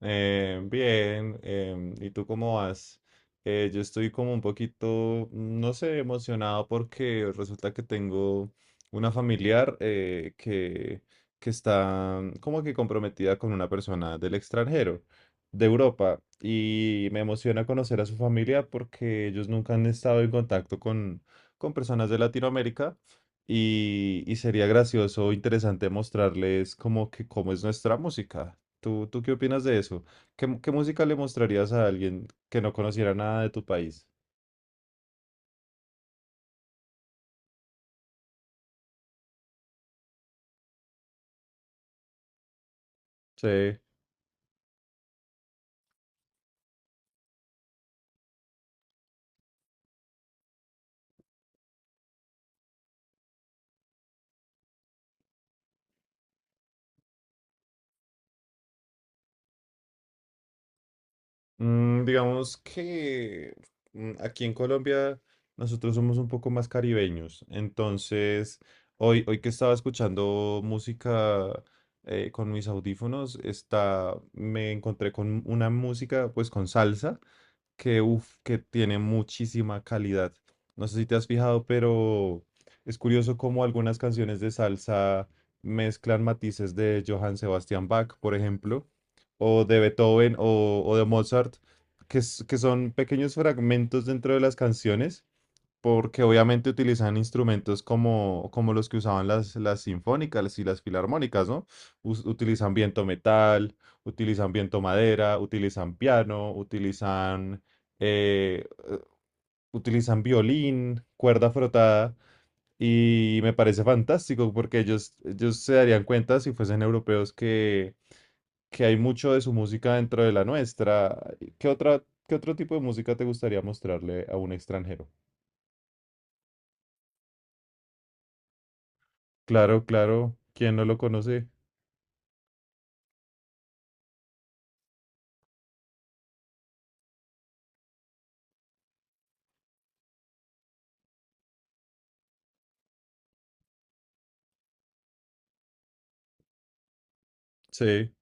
Bien. ¿Y tú cómo vas? Yo estoy como un poquito, no sé, emocionado porque resulta que tengo una familiar que está como que comprometida con una persona del extranjero, de Europa, y me emociona conocer a su familia porque ellos nunca han estado en contacto con personas de Latinoamérica. Y sería gracioso, interesante mostrarles como que cómo es nuestra música. ¿Tú qué opinas de eso? ¿Qué, qué música le mostrarías a alguien que no conociera nada de tu país? Sí. Mm, digamos que aquí en Colombia nosotros somos un poco más caribeños. Entonces, hoy que estaba escuchando música con mis audífonos, me encontré con una música pues con salsa, que, uf, que tiene muchísima calidad. No sé si te has fijado, pero es curioso cómo algunas canciones de salsa mezclan matices de Johann Sebastian Bach, por ejemplo, o de Beethoven o de Mozart, que son pequeños fragmentos dentro de las canciones porque obviamente utilizan instrumentos como, como los que usaban las sinfónicas y las filarmónicas, ¿no? Utilizan viento metal, utilizan viento madera, utilizan piano, eh, utilizan violín, cuerda frotada, y me parece fantástico porque ellos se darían cuenta si fuesen europeos que hay mucho de su música dentro de la nuestra. ¿Qué otra, qué otro tipo de música te gustaría mostrarle a un extranjero? Claro, claro. ¿Quién no lo conoce? Sí,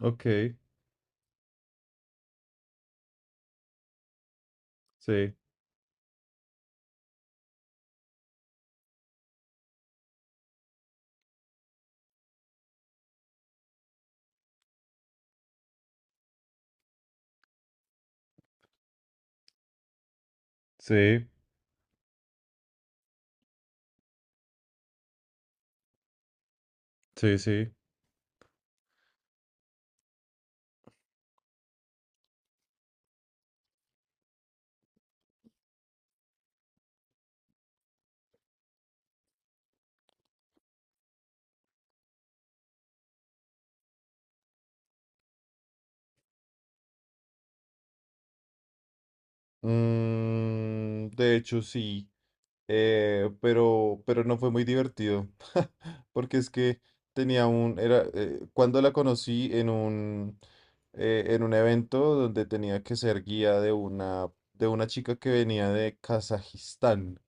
ok, sí, sí, sí, sí. Mm, de hecho, sí, pero no fue muy divertido, porque es que cuando la conocí en un evento donde tenía que ser guía de una chica que venía de Kazajistán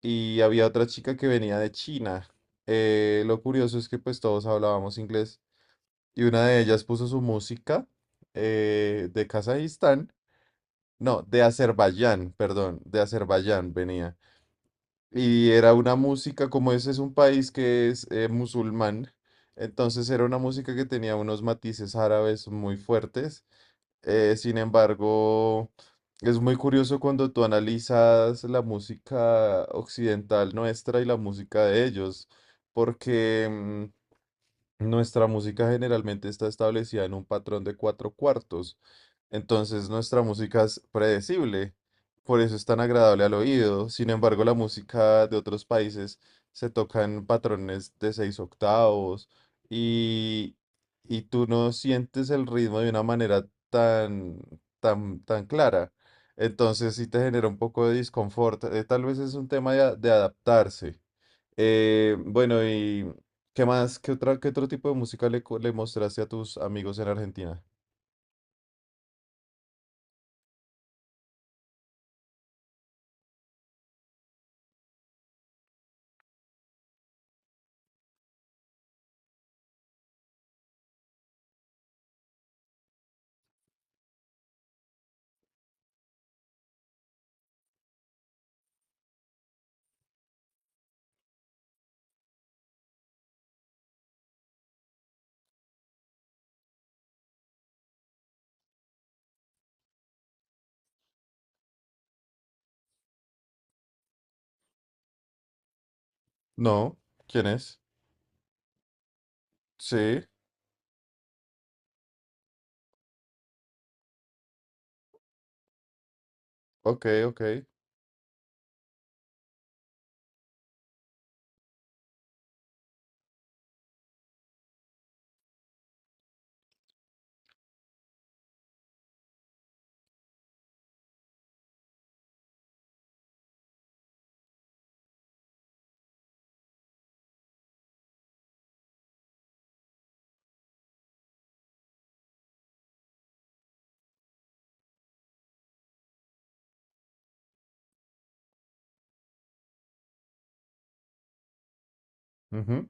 y había otra chica que venía de China. Lo curioso es que pues todos hablábamos inglés. Y una de ellas puso su música de Kazajistán, no, de Azerbaiyán, perdón, de Azerbaiyán venía. Y era una música, como ese es un país que es musulmán, entonces era una música que tenía unos matices árabes muy fuertes. Sin embargo, es muy curioso cuando tú analizas la música occidental nuestra y la música de ellos, porque nuestra música generalmente está establecida en un patrón de cuatro cuartos, entonces nuestra música es predecible, por eso es tan agradable al oído. Sin embargo, la música de otros países se toca en patrones de seis octavos y, y tú no sientes el ritmo de una manera tan clara. Entonces sí te genera un poco de disconfort. Tal vez es un tema de de adaptarse. Bueno, ¿y qué más? ¿Qué otra, qué otro tipo de música le, le mostraste a tus amigos en Argentina? No, ¿quién es? Sí, ok, ok. Ujú.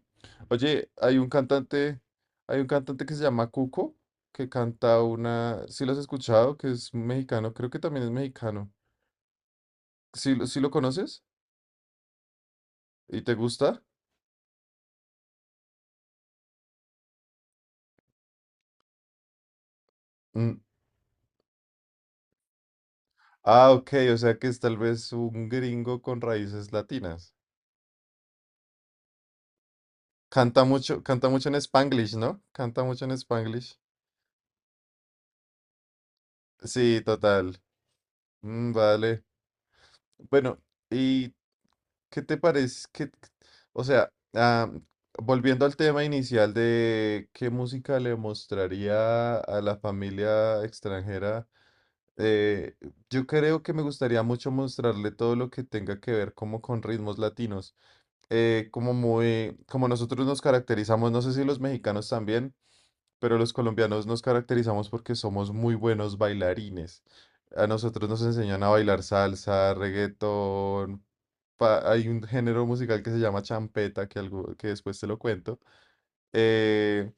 Oye, hay un cantante que se llama Cuco, que canta una, ¿sí lo has escuchado? Que es mexicano, creo que también es mexicano. ¿Sí, sí lo conoces? ¿Y te gusta? Mm, ah, ok, o sea que es tal vez un gringo con raíces latinas. Canta mucho en Spanglish, ¿no? Canta mucho en Spanglish. Sí, total. Mm, vale. Bueno, ¿y qué te parece? Que o sea, ah, volviendo al tema inicial de qué música le mostraría a la familia extranjera, eh, yo creo que me gustaría mucho mostrarle todo lo que tenga que ver como con ritmos latinos. Como muy, como nosotros nos caracterizamos, no sé si los mexicanos también, pero los colombianos nos caracterizamos porque somos muy buenos bailarines. A nosotros nos enseñan a bailar salsa, reggaetón. Hay un género musical que se llama champeta, que, algo, que después te lo cuento. Eh,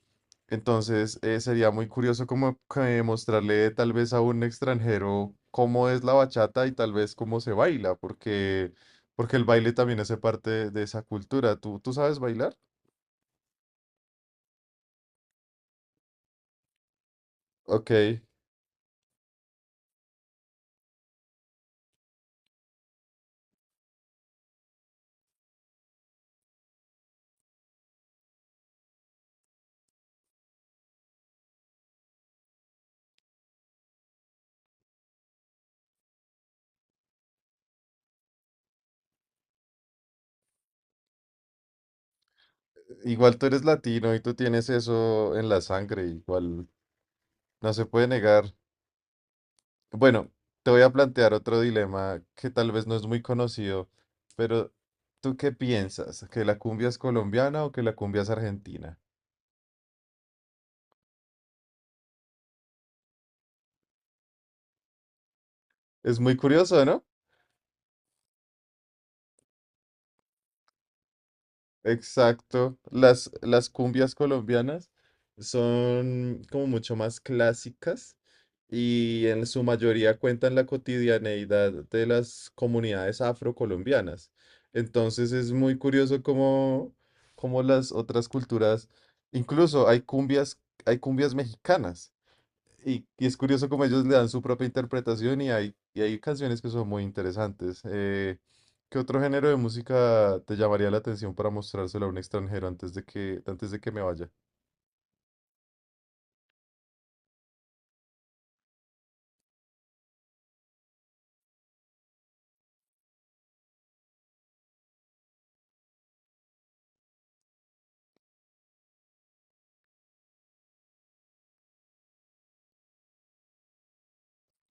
entonces sería muy curioso como que mostrarle tal vez a un extranjero cómo es la bachata y tal vez cómo se baila, porque, porque el baile también hace parte de esa cultura. ¿Tú sabes bailar? Ok. Igual tú eres latino y tú tienes eso en la sangre, igual no se puede negar. Bueno, te voy a plantear otro dilema que tal vez no es muy conocido, pero ¿tú qué piensas? ¿Que la cumbia es colombiana o que la cumbia es argentina? Es muy curioso, ¿no? Exacto. Las cumbias colombianas son como mucho más clásicas y en su mayoría cuentan la cotidianeidad de las comunidades afrocolombianas. Entonces es muy curioso cómo, cómo las otras culturas, incluso hay cumbias mexicanas, y es curioso cómo ellos le dan su propia interpretación y hay canciones que son muy interesantes. ¿Qué otro género de música te llamaría la atención para mostrárselo a un extranjero antes de que me vaya?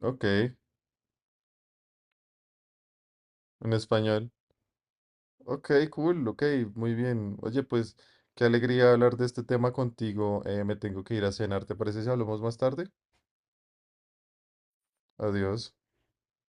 Ok, en español. Ok, cool, ok, muy bien. Oye, pues qué alegría hablar de este tema contigo. Me tengo que ir a cenar, ¿te parece si hablamos más tarde? Adiós.